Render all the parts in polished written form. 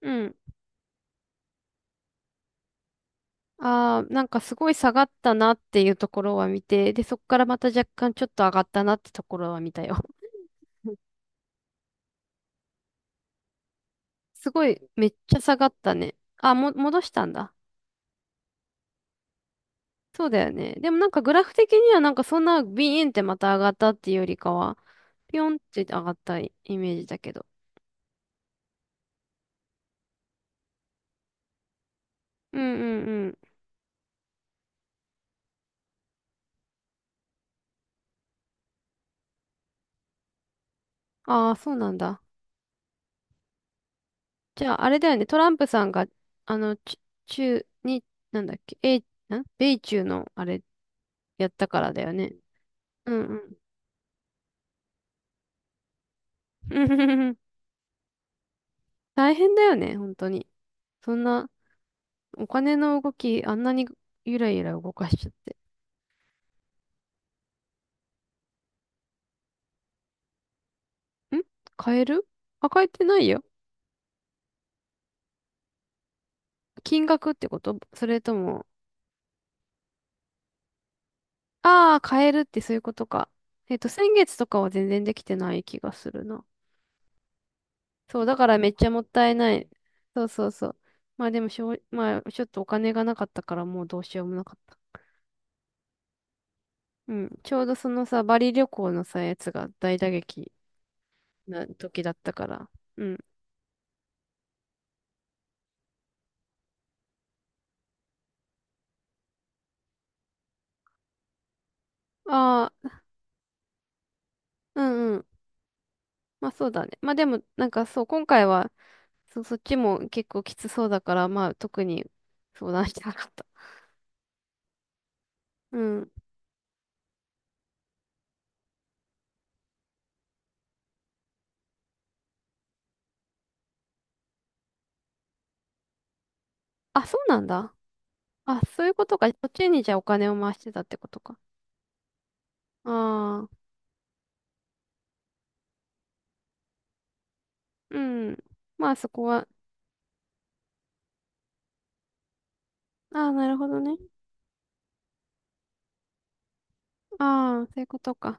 うん。ああ、なんかすごい下がったなっていうところは見て、で、そこからまた若干ちょっと上がったなってところは見たよ。すごい、めっちゃ下がったね。戻したんだ。そうだよね。でもなんかグラフ的にはなんかそんなビーンってまた上がったっていうよりかは、ピョンって上がったイメージだけど。うん。ああ、そうなんだ。じゃあ、あれだよね。トランプさんが、あの、ち中に、なんだっけ、え、ん米中のあれやったからだよね。うんうん。大変だよね、本当に。そんな、お金の動き、あんなにゆらゆら動かしちゃって。ん変える変えてないよ。金額ってことそれとも、ああ、変えるってそういうことか。先月とかは全然できてない気がするな。そう、だからめっちゃもったいない。そう。まあでもしょう、まあちょっとお金がなかったからもうどうしようもなかった。うん。ちょうどそのさ、バリ旅行のさ、やつが大打撃な時だったから。うん。ああ、うん、まあそうだね。まあでも、なんかそう、今回は、そっちも結構きつそうだから、まあ特に相談してなかった。うん。あ、そうなんだ。あ、そういうことか。そっちにじゃあお金を回してたってことか。ああ、うん。まあそこは、ああ、なるほどね。ああ、そういうことか。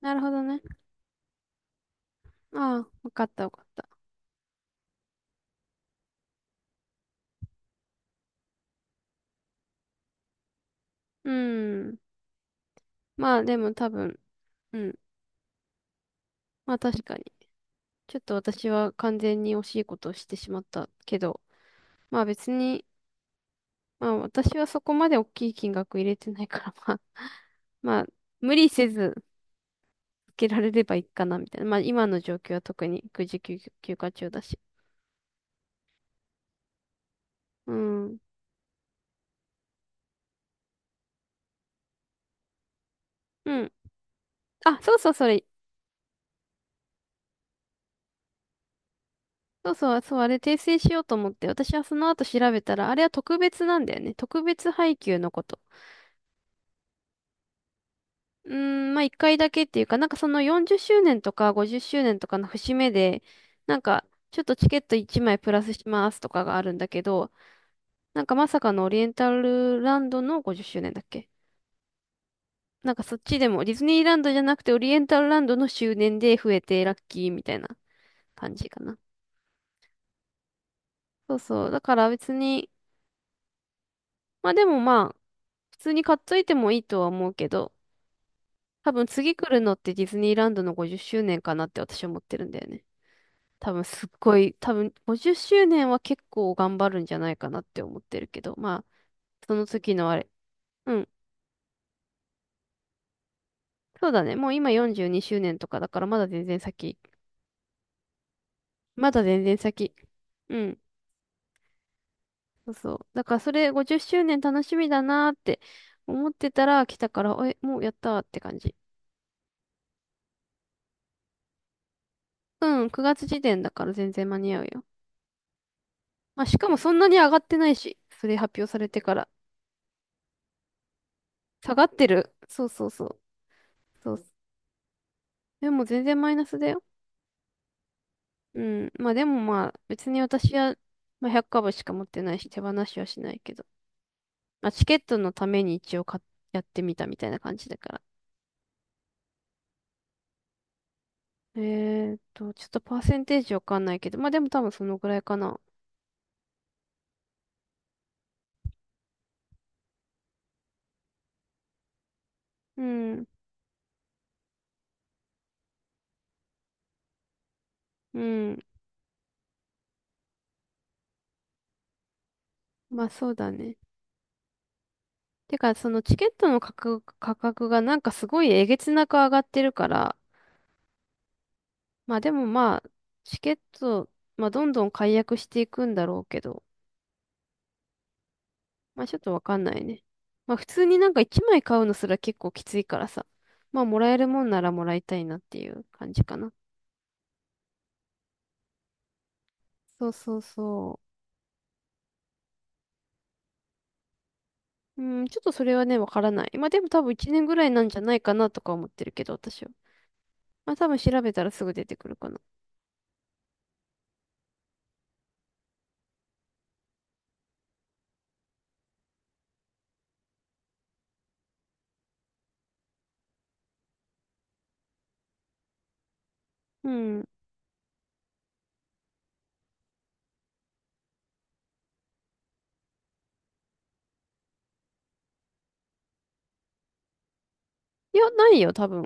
なるほどね。ああ、わかったわかった。うん。まあでも多分、うん。まあ確かに。ちょっと私は完全に惜しいことをしてしまったけど、まあ別に、まあ私はそこまで大きい金額入れてないから、まあ、まあ無理せずつけられればいいかなみたいな。まあ今の状況は特に育児休休暇中だし。うん。うん。あ、そうそう、それ。そう、あれ訂正しようと思って、私はその後調べたら、あれは特別なんだよね。特別配給のこと。うーん、まあ一回だけっていうか、なんかその40周年とか50周年とかの節目で、なんかちょっとチケット1枚プラスしますとかがあるんだけど、なんかまさかのオリエンタルランドの50周年だっけ。なんかそっちでも、ディズニーランドじゃなくてオリエンタルランドの周年で増えてラッキーみたいな感じかな。そうそう。だから別に、まあでもまあ、普通に買っといてもいいとは思うけど、多分次来るのってディズニーランドの50周年かなって私は思ってるんだよね。多分すっごい、多分50周年は結構頑張るんじゃないかなって思ってるけど、まあ、その時のあれ。うん。そうだね。もう今42周年とかだからまだ全然先。まだ全然先。うん。そうそう。だからそれ50周年楽しみだなーって思ってたら来たから、え、もうやったーって感じ。うん、9月時点だから全然間に合うよ。まあ、しかもそんなに上がってないし、それ発表されてから。下がってる。そう。そう。でも全然マイナスだよ。うん。まあでもまあ、別に私は、まあ、100株しか持ってないし、手放しはしないけど。まあ、チケットのために一応買っやってみたみたいな感じだから。ちょっとパーセンテージわかんないけど、まあでも多分そのぐらいかな。うん、うん。まあそうだね。てか、そのチケットの価格がなんかすごいえげつなく上がってるから、まあでもまあ、チケット、まあどんどん解約していくんだろうけど、まあちょっとわかんないね。まあ普通になんか1枚買うのすら結構きついからさ、まあもらえるもんならもらいたいなっていう感じかな。そう。うん、ちょっとそれはね、わからない。まあでも多分1年ぐらいなんじゃないかなとか思ってるけど、私は。まあ多分調べたらすぐ出てくるかな。うん。いや、ないよ、多分。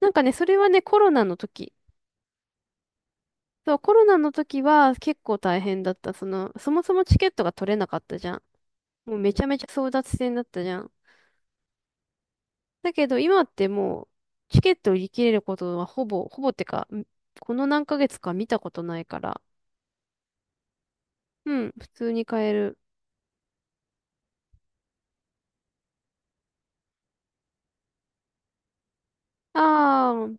なんかね、それはね、コロナの時。そう、コロナの時は結構大変だった。その、そもそもチケットが取れなかったじゃん。もうめちゃめちゃ争奪戦だったじゃん。だけど今ってもう、チケット売り切れることはほぼ、ほぼってか、んこの何ヶ月か見たことないから。うん、普通に買える。ああ、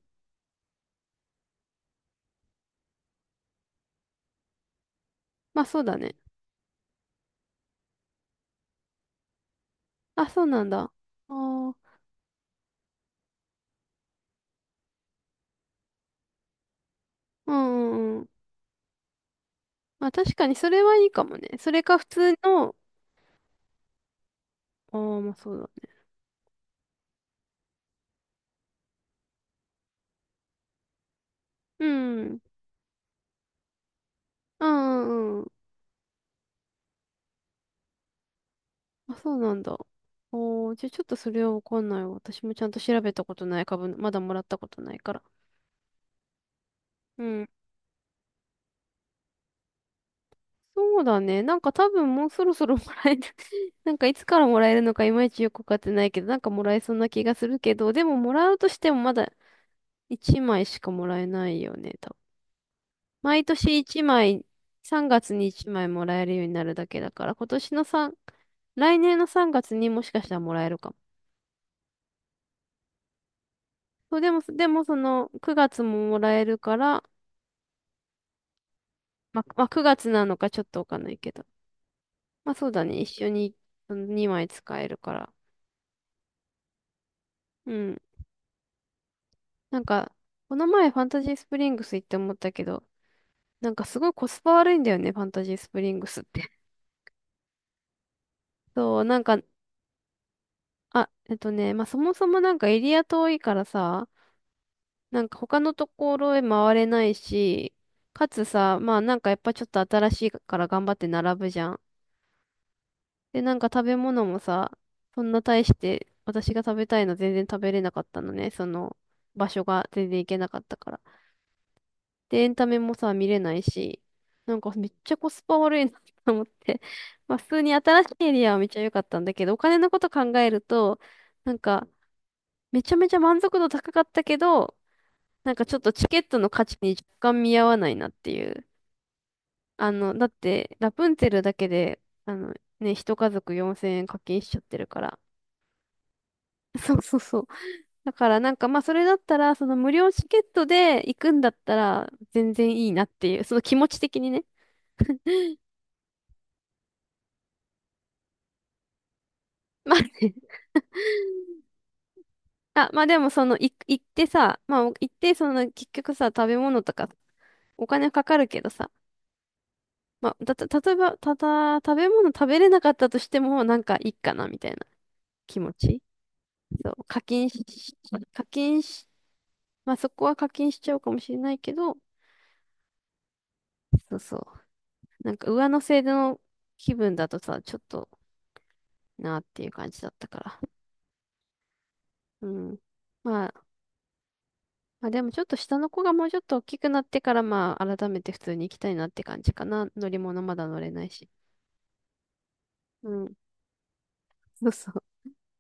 まあそうだね。あ、そうなんだ。あーうん。まあ確かにそれはいいかもね。それか普通の、ああ、まあそうだね。うん。うんうん。あ、そうなんだ。おー、じゃあちょっとそれはわかんないわ。私もちゃんと調べたことない株、まだもらったことないから。うん。そうだね。なんか多分もうそろそろもらえる。 なんかいつからもらえるのかいまいちよくわかってないけど、なんかもらえそうな気がするけど、でももらうとしてもまだ1枚しかもらえないよね。毎年1枚、3月に1枚もらえるようになるだけだから、今年の3、来年の3月にもしかしたらもらえるかも。そう、でもその9月ももらえるから、まあ、9月なのかちょっとわかんないけど。まあそうだね、一緒に2枚使えるから。うん。なんか、この前ファンタジースプリングス行って思ったけど、なんかすごいコスパ悪いんだよね、ファンタジースプリングスって。そう、なんか、まあそもそもなんかエリア遠いからさ、なんか他のところへ回れないし、かつさ、まあなんかやっぱちょっと新しいから頑張って並ぶじゃん。で、なんか食べ物もさ、そんな大して私が食べたいの全然食べれなかったのね。その場所が全然行けなかったから。で、エンタメもさ、見れないし、なんかめっちゃコスパ悪いな と思って。まあ普通に新しいエリアはめっちゃ良かったんだけど、お金のこと考えると、なんかめちゃめちゃ満足度高かったけど、なんかちょっとチケットの価値に若干見合わないなっていう。だって、ラプンツェルだけで、あの、ね、一家族4000円課金しちゃってるから。そう。だからなんかまあそれだったら、その無料チケットで行くんだったら全然いいなっていう、その気持ち的にね。まあね。あ、まあでもその、行ってさ、まあ行ってその結局さ、食べ物とかお金かかるけどさ、まあ、例えば、食べ物食べれなかったとしても、なんかいいかなみたいな気持ち。そう、課金し、課金し、まあそこは課金しちゃうかもしれないけど、そうそう。なんか上乗せの気分だとさ、ちょっとなっていう感じだったから。うん。まあ、まあでもちょっと下の子がもうちょっと大きくなってから、まあ改めて普通に行きたいなって感じかな。乗り物まだ乗れないし。うん。そうそう。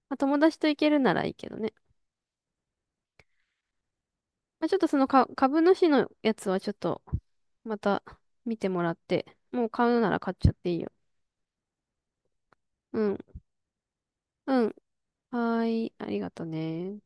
まあ友達と行けるならいいけどね。まあちょっとその株主のやつはちょっとまた見てもらって、もう買うなら買っちゃっていいよ。うん。うん。はーい、ありがとね。